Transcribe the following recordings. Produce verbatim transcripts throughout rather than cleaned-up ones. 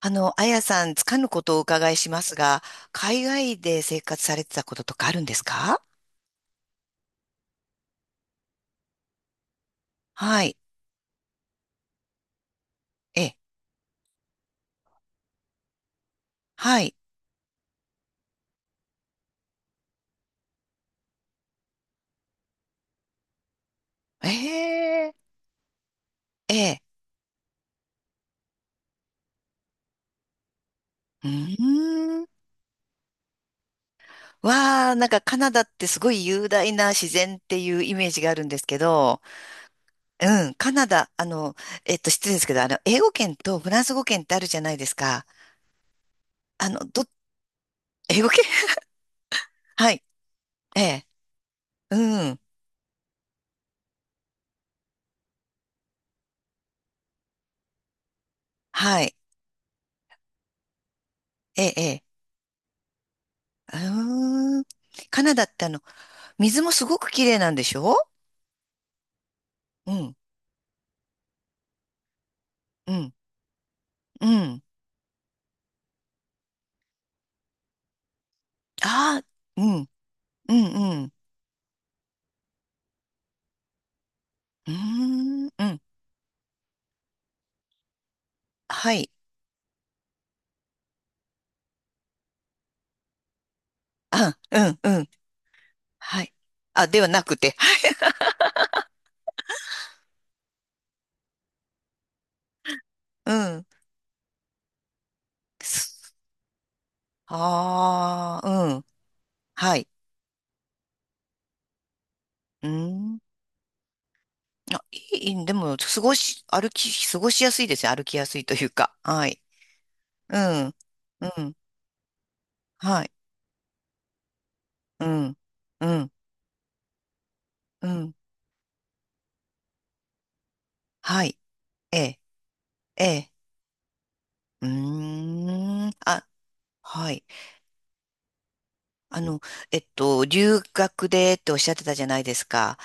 あの、あやさん、つかぬことをお伺いしますが、海外で生活されてたこととかあるんですか？はい。ええ、はい。ええ、ええ、うーん。わあ、なんかカナダってすごい雄大な自然っていうイメージがあるんですけど、うん、カナダ、あの、えっと、失礼ですけど、あの、英語圏とフランス語圏ってあるじゃないですか。あの、ど、英語圏 はい。ええ、うん。はい。ええ、ええ、うーん。カナダってあの、水もすごく綺麗なんでしょ？うん、うん、うん。ああ、うん、うん、うん。うーん、うん。はい。あ、うん、うん。はい。あ、ではなくて。うん。す、ああ、うん。はい。うーん。あ、いい、でも、過ごし、歩き、過ごしやすいですね。歩きやすいというか。はい。うん、うん、はい。うん、うん、うん。はい。ええ、ええ。うーん。あ、はい。あの、えっと、留学でっておっしゃってたじゃないですか。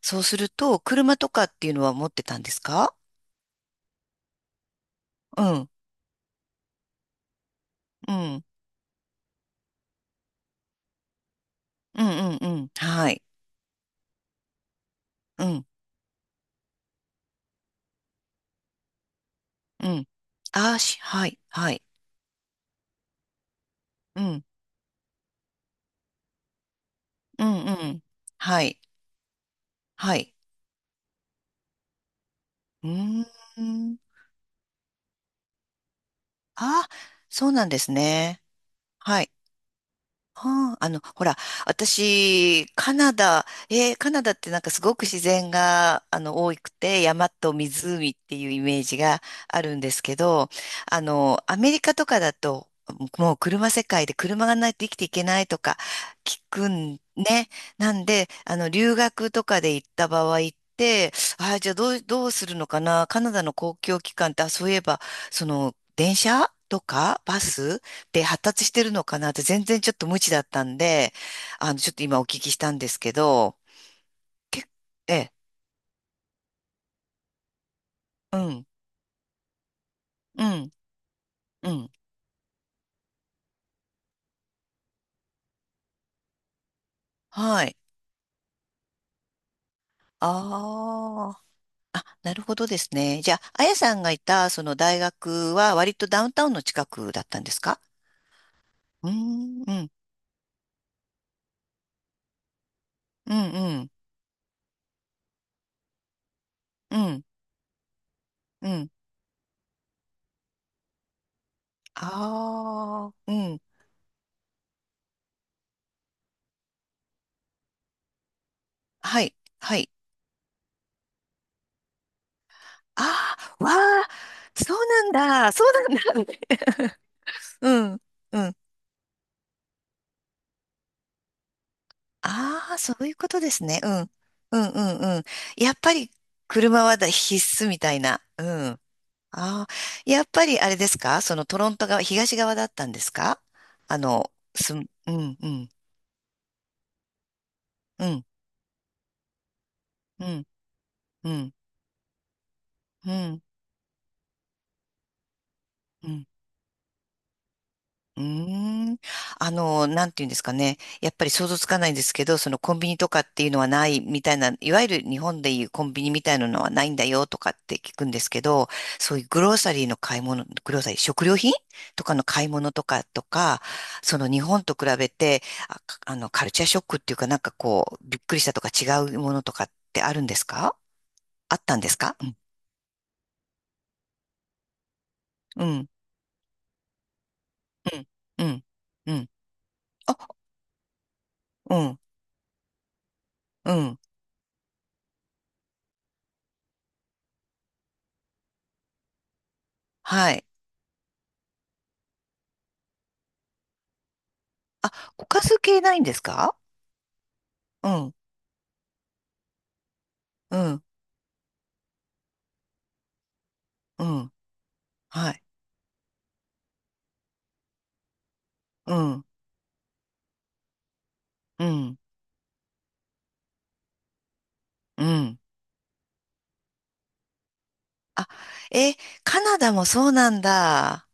そうすると、車とかっていうのは持ってたんですか？うん、うん、うん、うん、うん、はい、うん、うん。あーし、はい、はい、うん、うん、うん、はい、はい。うーん。ああ、そうなんですね。はい。はあ、あの、ほら、私、カナダ、えーカナダってなんかすごく自然が、あの、多くて、山と湖っていうイメージがあるんですけど、あの、アメリカとかだと、もう車世界で車がないと生きていけないとか聞くんね。なんで、あの、留学とかで行った場合って、ああ、じゃあどう、どうするのかな。カナダの公共機関って、あ、そういえば、その、電車とかバスって発達してるのかなって全然ちょっと無知だったんで、あの、ちょっと今お聞きしたんですけど、け、ええ、うん、うん、うん、はい。ああ、なるほどですね。じゃあ、あやさんがいたその大学は割とダウンタウンの近くだったんですか？うーん、うん、うん、うん、うん、うん。ああ、うん、はい、はい。ああ、わあ、そうなんだ、そうなんだ。うん、うん。ああ、そういうことですね。うん。うん、うん、うん。やっぱり車はだ必須みたいな。うん。ああ、やっぱりあれですか、そのトロント側、東側だったんですか？あの、すん、うん、うん。うん、うん、うん、うん、うん。うーん。あの、なんていうんですかね。やっぱり想像つかないんですけど、そのコンビニとかっていうのはないみたいな、いわゆる日本でいうコンビニみたいなのはないんだよとかって聞くんですけど、そういうグローサリーの買い物、グローサリー、食料品とかの買い物とかとか、その日本と比べて、あ、かあの、カルチャーショックっていうかなんかこう、びっくりしたとか違うものとかってあるんですか？あったんですか？うん。うん。うん。うん。うん、あ、うん。うん。はい。あ、おかず系ないんですか？うん、うん、うん、はい。うん、うん、うん。あ、え、カナダもそうなんだ。あ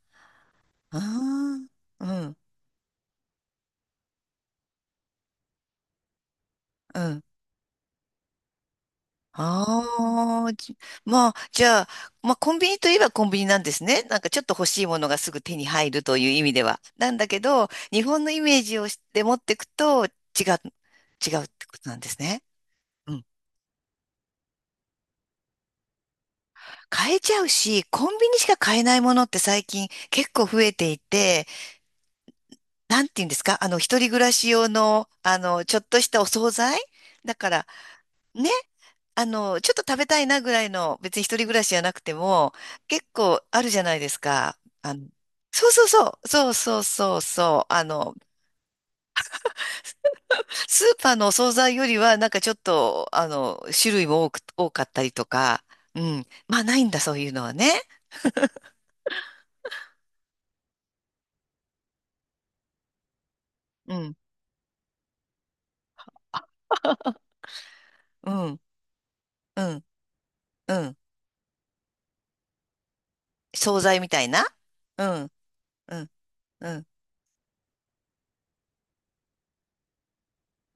ー、うん、うん。ああ、じ、まあ、じゃあ、まあ、コンビニといえばコンビニなんですね。なんかちょっと欲しいものがすぐ手に入るという意味では。なんだけど、日本のイメージをして持っていくと違う、違うってことなんですね。うん、買えちゃうし、コンビニしか買えないものって最近結構増えていて、なんていうんですか、あの、一人暮らし用の、あの、ちょっとしたお惣菜だから、ね、あの、ちょっと食べたいなぐらいの、別に一人暮らしじゃなくても、結構あるじゃないですか。あの、そうそうそう、そうそうそうそう、あの、スーパーのお惣菜よりは、なんかちょっと、あの、種類も多く、多かったりとか、うん。まあ、ないんだ、そういうのはね。うん、うん、うん、うん。惣菜みたいな。うん、うん、うん、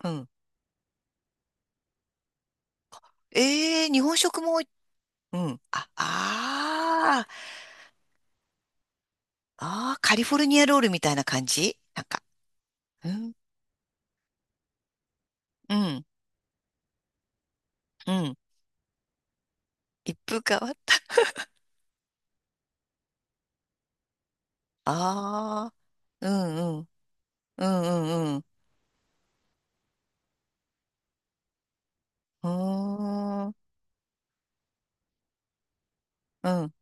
うん。ええ、日本食も。うん。あ、あー、あー、カリフォルニアロールみたいな感じなんか、うん、うん、うん。一風変わった。ああ、うん、うん、うん、うん、うん。うーん、うん。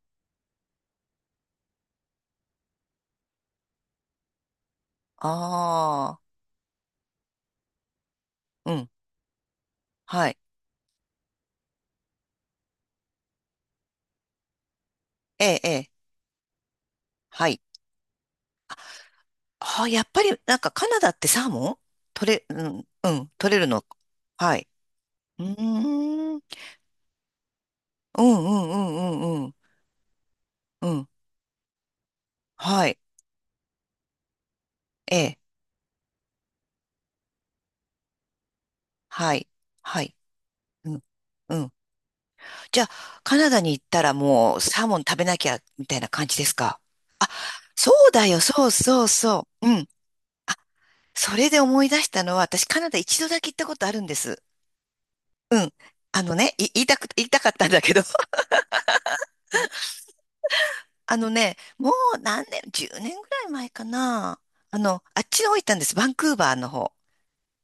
ああ、うん。はい。ええ、ええ、はい。ああ、やっぱり、なんかカナダってサーモン取れ、うん、うん、取れるの？はい。うーん、うん、うん、うん、うん、うん。うん、はい。ええ、はい。はい。うん。うん、じゃあ、カナダに行ったらもうサーモン食べなきゃ、みたいな感じですか？あ、そうだよ、そうそうそう。うん。あ、それで思い出したのは、私カナダ一度だけ行ったことあるんです。あのね、い言いたく、言いたかったんだけど、あのね、もう何年、じゅうねんぐらい前かな。あの、あっちの方行ったんです。バンクーバーの方。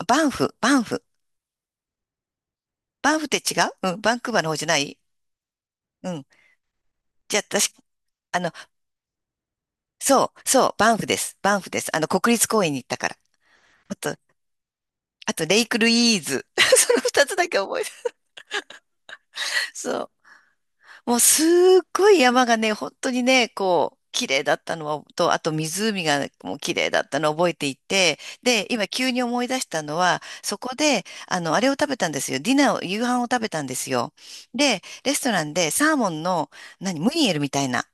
バンフ、バンフ。バンフって違う、うん、バンクーバーの方じゃない？うん。じゃあ、私、あの、そう、そう、バンフです。バンフです。あの、国立公園に行ったから。あと、レイクルイーズ。その二つだけ覚えてる。そう。もうすっごい山がね、本当にね、こう、綺麗だったのと、あと湖がもう綺麗だったのを覚えていて、で、今急に思い出したのは、そこで、あの、あれを食べたんですよ。ディナーを、夕飯を食べたんですよ。で、レストランでサーモンの、何、ムニエルみたいな、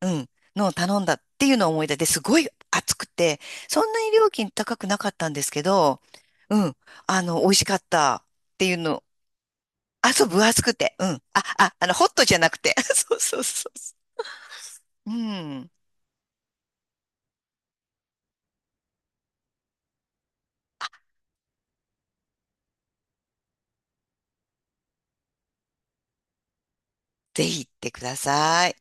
うん、のを頼んだっていうのを思い出して、すごい暑くて、そんなに料金高くなかったんですけど、うん、あの、美味しかった。っていうの、あ、そう、分厚くて。うん。あ、あ、あの、ホットじゃなくて。そうそうそうそう。うん。ぜひ行ってください。